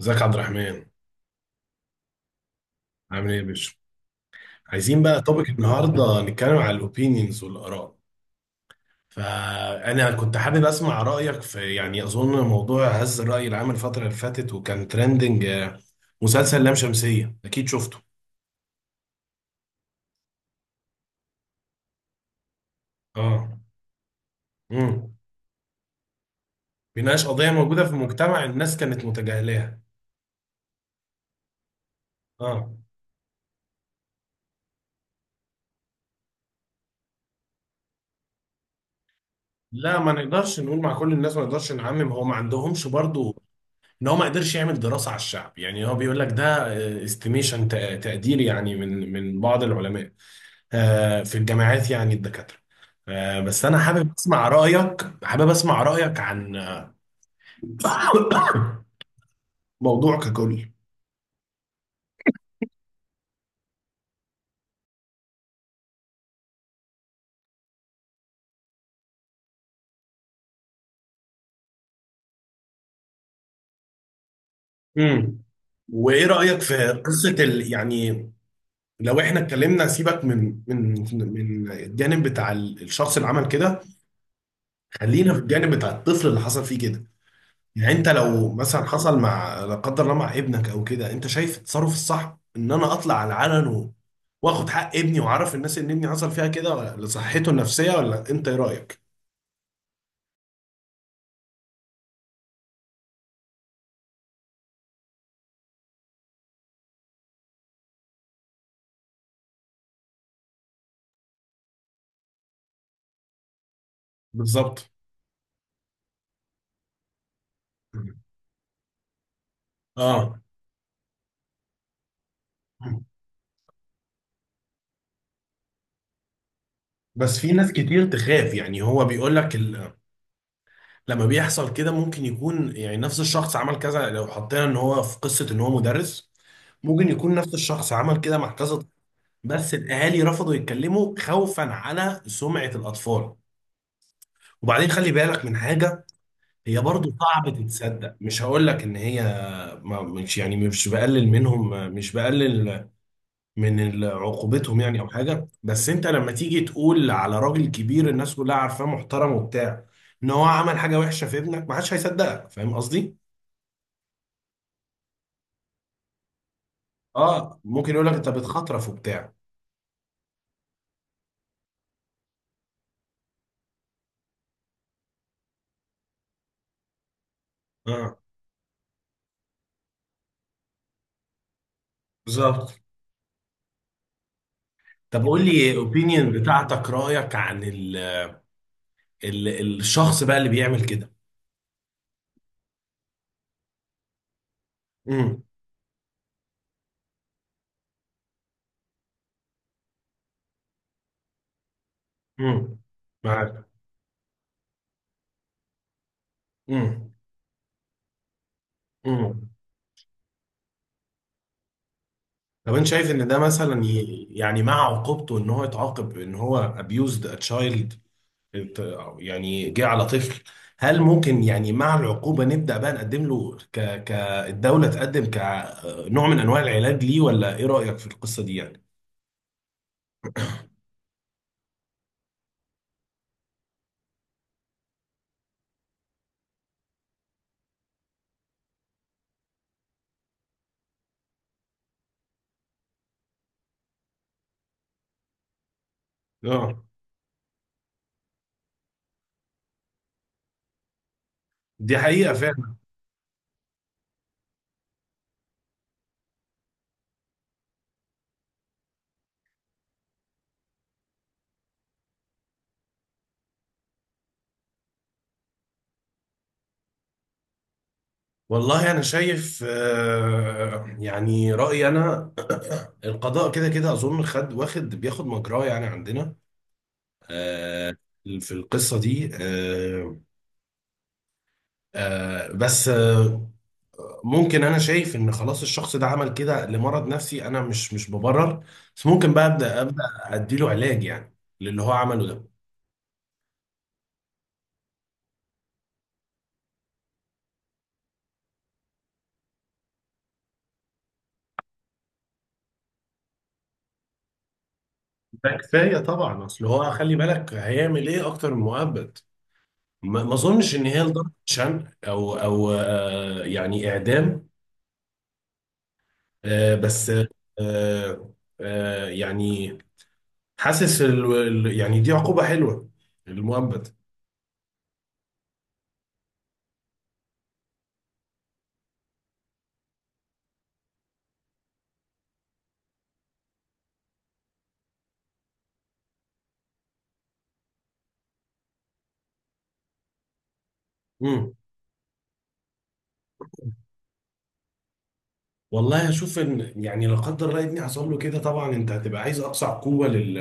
ازيك يا عبد الرحمن؟ عامل ايه يا باشا؟ عايزين بقى توبيك النهارده نتكلم على الاوبينيونز والاراء. فانا كنت حابب اسمع رايك في يعني اظن موضوع هز الراي العام الفتره اللي فاتت وكان ترندنج، مسلسل لام شمسيه اكيد شفته. اه. امم. بيناقش قضيه موجوده في المجتمع، الناس كانت متجاهلاها. اه. لا، ما نقدرش نقول مع كل الناس، ما نقدرش نعمم، هو ما عندهمش برضو. ان هو ما قدرش يعمل دراسه على الشعب، يعني هو بيقول لك ده استيميشن، تقدير، يعني من بعض العلماء، في الجامعات، يعني الدكاترة. بس أنا حابب أسمع رأيك، عن موضوع ككل. امم. وإيه رأيك في قصة يعني لو إحنا اتكلمنا، سيبك من الجانب بتاع الشخص اللي عمل كده، خلينا في الجانب بتاع الطفل اللي حصل فيه كده. يعني انت لو مثلا حصل، مع لا قدر الله، مع ابنك او كده، انت شايف التصرف الصح ان انا اطلع على العلن واخد حق ابني واعرف الناس ان ابني حصل فيها كده، ولا لصحته النفسيه، ولا انت ايه رايك؟ بالظبط. اه. بس في ناس كتير تخاف، يعني هو بيقول لك لما بيحصل كده ممكن يكون يعني نفس الشخص عمل كذا. لو حطينا ان هو في قصه ان هو مدرس، ممكن يكون نفس الشخص عمل كده مع كذا طفل، بس الاهالي رفضوا يتكلموا خوفا على سمعه الاطفال. وبعدين خلي بالك من حاجة، هي برضو صعب تتصدق. مش هقول لك ان هي، ما مش يعني، مش بقلل منهم، مش بقلل من عقوبتهم، يعني او حاجة. بس انت لما تيجي تقول على راجل كبير، الناس كلها عارفاه محترم وبتاع، ان هو عمل حاجة وحشة في ابنك، ما حدش هيصدقك. فاهم قصدي؟ اه، ممكن يقول لك انت بتخطرف وبتاع. اه. بالظبط. طب قول لي اوبينيون بتاعتك، رأيك عن ال ال الشخص بقى اللي بيعمل كده. امم. امم. معاك. امم. امم. طب انت شايف ان ده مثلا يعني مع عقوبته، ان هو اتعاقب، ان هو abused a child، أو يعني جه على طفل، هل ممكن يعني مع العقوبة نبدأ بقى نقدم له كالدولة، تقدم كنوع من انواع العلاج ليه؟ ولا ايه رأيك في القصة دي يعني؟ اه، دي حقيقة فعلا. والله أنا شايف، يعني رأيي أنا، القضاء كده كده أظن خد واخد بياخد مجراه يعني عندنا آه، في القصة دي. آه بس آه ممكن، انا شايف ان خلاص الشخص ده عمل كده لمرض نفسي، انا مش ببرر، بس ممكن بقى ابدا ابدا اديله علاج يعني، للي هو عمله ده. ده كفايه طبعا، اصل هو خلي بالك هيعمل ايه اكتر من مؤبد؟ ما اظنش ان هي لدرجه شنق، او، يعني اعدام. آه بس آه يعني حاسس يعني دي عقوبه حلوه، المؤبد. والله اشوف ان يعني لا قدر الله ابني حصل له كده، طبعا انت هتبقى عايز اقصى عقوبه لل...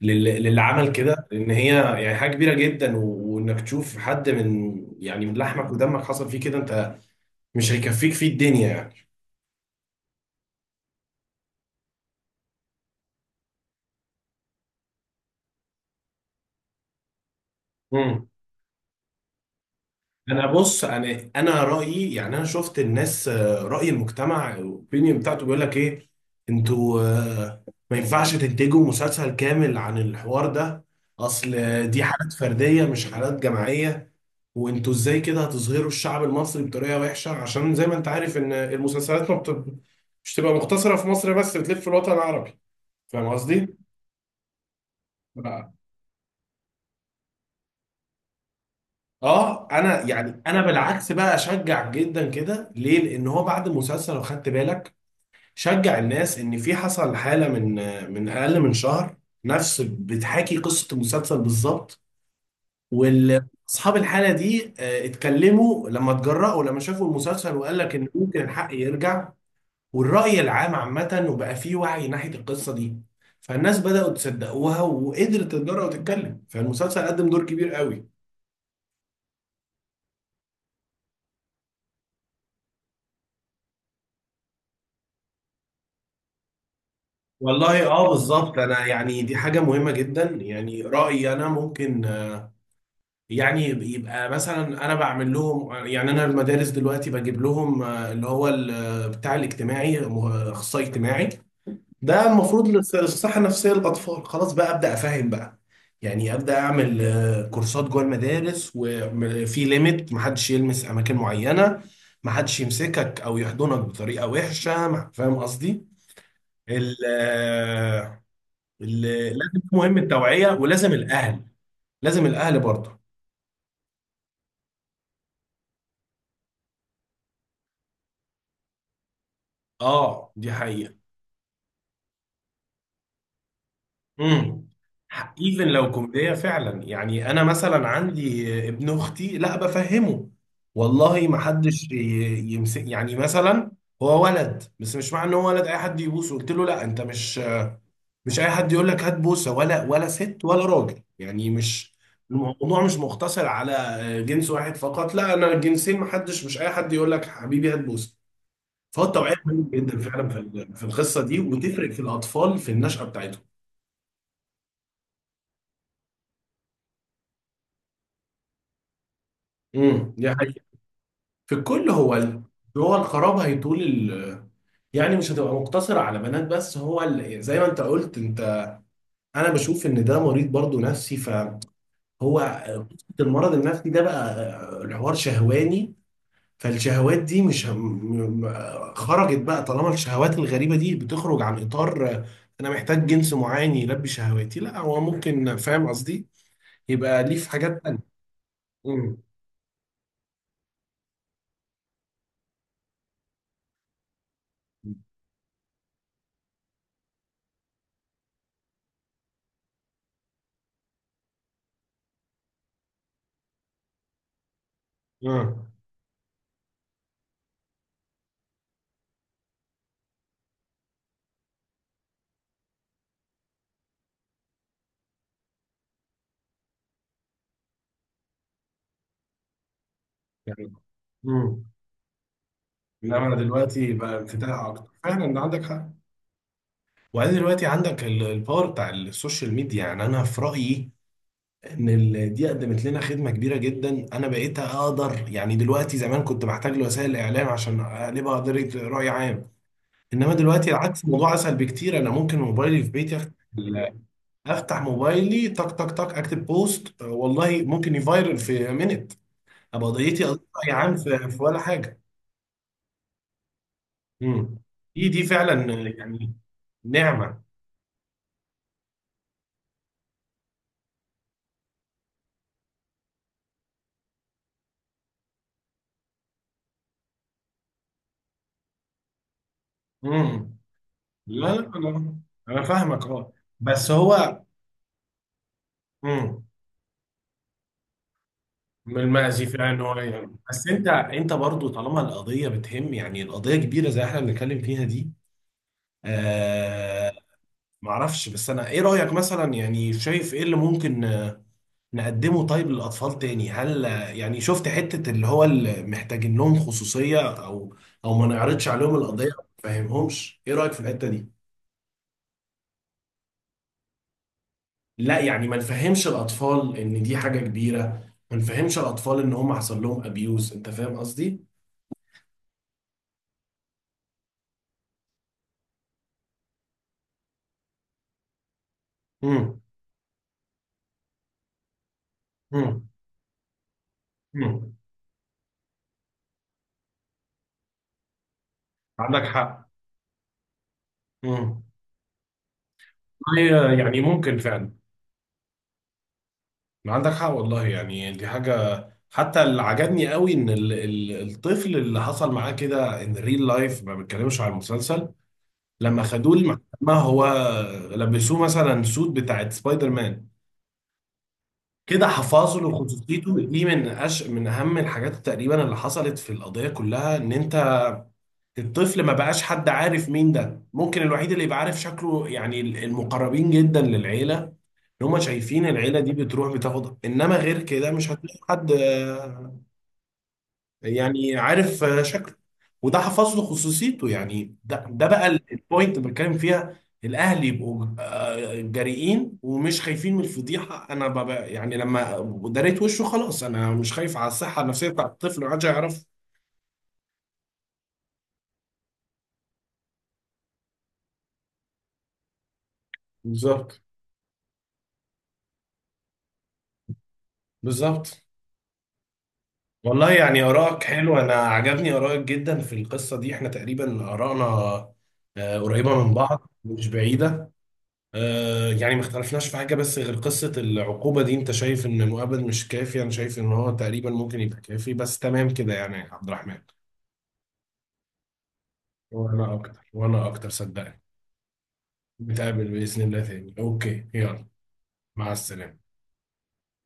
لل... للعمل كده، لان هي يعني حاجه كبيره جدا، وانك تشوف حد من، يعني من لحمك ودمك، حصل فيه كده، انت مش هيكفيك فيه الدنيا يعني. امم. انا بص، انا رايي يعني، انا شفت الناس، راي المجتمع الاوبينيون بتاعته بيقول لك ايه، انتوا، ما ينفعش تنتجوا مسلسل كامل عن الحوار ده. اصل دي حالات فرديه، مش حالات جماعيه. وانتوا ازاي كده هتصغروا الشعب المصري بطريقه وحشه؟ عشان زي ما انت عارف ان المسلسلات ما بت... مش تبقى مقتصره في مصر بس، بتلف في الوطن العربي. فاهم قصدي؟ اه. انا يعني انا بالعكس بقى، اشجع جدا كده. ليه؟ لان هو بعد المسلسل لو خدت بالك شجع الناس. ان في حصل حاله من اقل من شهر، نفس بتحاكي قصه المسلسل بالظبط. وال اصحاب الحاله دي، اتكلموا لما اتجرأوا، لما شافوا المسلسل، وقال لك ان ممكن الحق يرجع. والرأي العام عامة، وبقى فيه وعي ناحية القصة دي، فالناس بدأوا تصدقوها، وقدرت تتجرأ وتتكلم، فالمسلسل قدم دور كبير قوي. والله اه، بالظبط، انا يعني دي حاجة مهمة جدا، يعني رأيي انا ممكن، يعني يبقى مثلا انا بعمل لهم يعني، انا المدارس دلوقتي بجيب لهم، اللي هو بتاع الاجتماعي، اخصائي اجتماعي، ده المفروض للصحة النفسية للأطفال. خلاص بقى أبدأ أفهم بقى، يعني أبدأ أعمل كورسات جوه المدارس، وفي ليميت، محدش يلمس أماكن معينة، محدش يمسكك أو يحضنك بطريقة وحشة، فاهم قصدي؟ ال آه، ال- لازم، مهم التوعية، ولازم الأهل، لازم الأهل برضه. آه، دي حقيقة. امم. ايفن لو كوميديه فعلا، يعني انا مثلا عندي ابن اختي، لا بفهمه والله. ما حدش يمسك، يعني مثلا هو ولد، بس مش معنى ان هو ولد اي حد يبوسه. قلت له لا، انت مش، مش اي حد يقول لك هات بوسه، ولا ست ولا راجل، يعني مش الموضوع مش مقتصر على جنس واحد فقط. لا، انا الجنسين، ما حدش، مش اي حد يقول لك حبيبي هات بوسه. فالتوعيه مهمه جدا فعلا في في القصه دي، وتفرق في الاطفال في النشأة بتاعتهم. امم، دي حقيقة. في الكل هو هو الخراب هيطول يعني مش هتبقى مقتصرة على بنات بس. هو زي ما انت قلت، انت انا بشوف ان ده مريض برضو نفسي، فهو قصة المرض النفسي ده بقى، الحوار شهواني. فالشهوات دي مش خرجت بقى. طالما الشهوات الغريبة دي بتخرج عن اطار انا محتاج جنس معين يلبي شهواتي، لا، هو ممكن، فاهم قصدي، يبقى ليه في حاجات تانية. امم. اه، يعني. امم. انما انا دلوقتي بقى انفتاح اكتر فعلا، إن عندك حق. وبعدين دلوقتي عندك الباور بتاع السوشيال ميديا، يعني انا في رايي ان دي قدمت لنا خدمه كبيره جدا. انا بقيت اقدر يعني دلوقتي، زمان كنت بحتاج لوسائل الاعلام عشان اقلبها قضيه راي عام، انما دلوقتي العكس، الموضوع اسهل بكتير. انا ممكن موبايلي في بيتي ال- افتح موبايلي، تك تك تك، اكتب بوست، والله ممكن يفايرل في مينت، ابقى قضيتي قضيه راي عام في ولا حاجه. امم. دي فعلا، يعني نعمة. امم. لا لا لا، انا فاهمك اه. بس هو. امم. من المأزي فعلا ان هو، يعني، بس انت برضو طالما القضيه بتهم، يعني القضيه كبيره زي احنا بنتكلم فيها دي. آه. معرفش، بس انا ايه رايك مثلا، يعني شايف ايه اللي ممكن نقدمه طيب للاطفال تاني؟ هل يعني شفت حته اللي هو اللي محتاجين لهم خصوصيه، او، او ما نعرضش عليهم القضيه، ما نفهمهمش؟ ايه رايك في الحته دي؟ لا، يعني ما نفهمش الاطفال ان دي حاجه كبيره، ما نفهمش الاطفال ان هم حصل لهم ابيوز، انت فاهم قصدي؟ امم. امم. امم. عندك حق. امم. هي يعني ممكن فعلا، عندك حق والله، يعني دي حاجه. حتى اللي عجبني قوي ان ال ال الطفل اللي حصل معاه كده، ان ريل لايف ما بتكلمش عن المسلسل، لما خدوه المحكمه هو لبسوه مثلا سوت بتاعت سبايدر مان، كده حفاظه لخصوصيته. دي من من اهم الحاجات تقريبا اللي حصلت في القضيه كلها. ان انت الطفل ما بقاش حد عارف مين ده، ممكن الوحيد اللي يبقى عارف شكله يعني المقربين جدا للعيله، ان هم شايفين العيله دي بتروح بتاخد، انما غير كده مش هتلاقي حد يعني عارف، شكله، وده حفظ له خصوصيته. يعني ده بقى البوينت اللي بتكلم فيها، الاهلي يبقوا جريئين ومش خايفين من الفضيحه. انا ببقى يعني لما دريت وشه خلاص، انا مش خايف على الصحه النفسيه بتاعت الطفل، محدش هيعرف. بالظبط. بالظبط. والله يعني آرائك حلوة، أنا عجبني آرائك جدا في القصة دي. إحنا تقريبا آرائنا، قريبة من بعض، مش بعيدة. يعني ما اختلفناش في حاجة، بس غير قصة العقوبة دي. انت شايف ان مؤبد مش كافي، انا شايف ان هو تقريبا ممكن يبقى كافي، بس تمام كده يعني يا عبد الرحمن. وانا اكتر، وانا اكتر، صدقني. نتقابل بإذن الله تاني. اوكي، يلا، مع السلامة.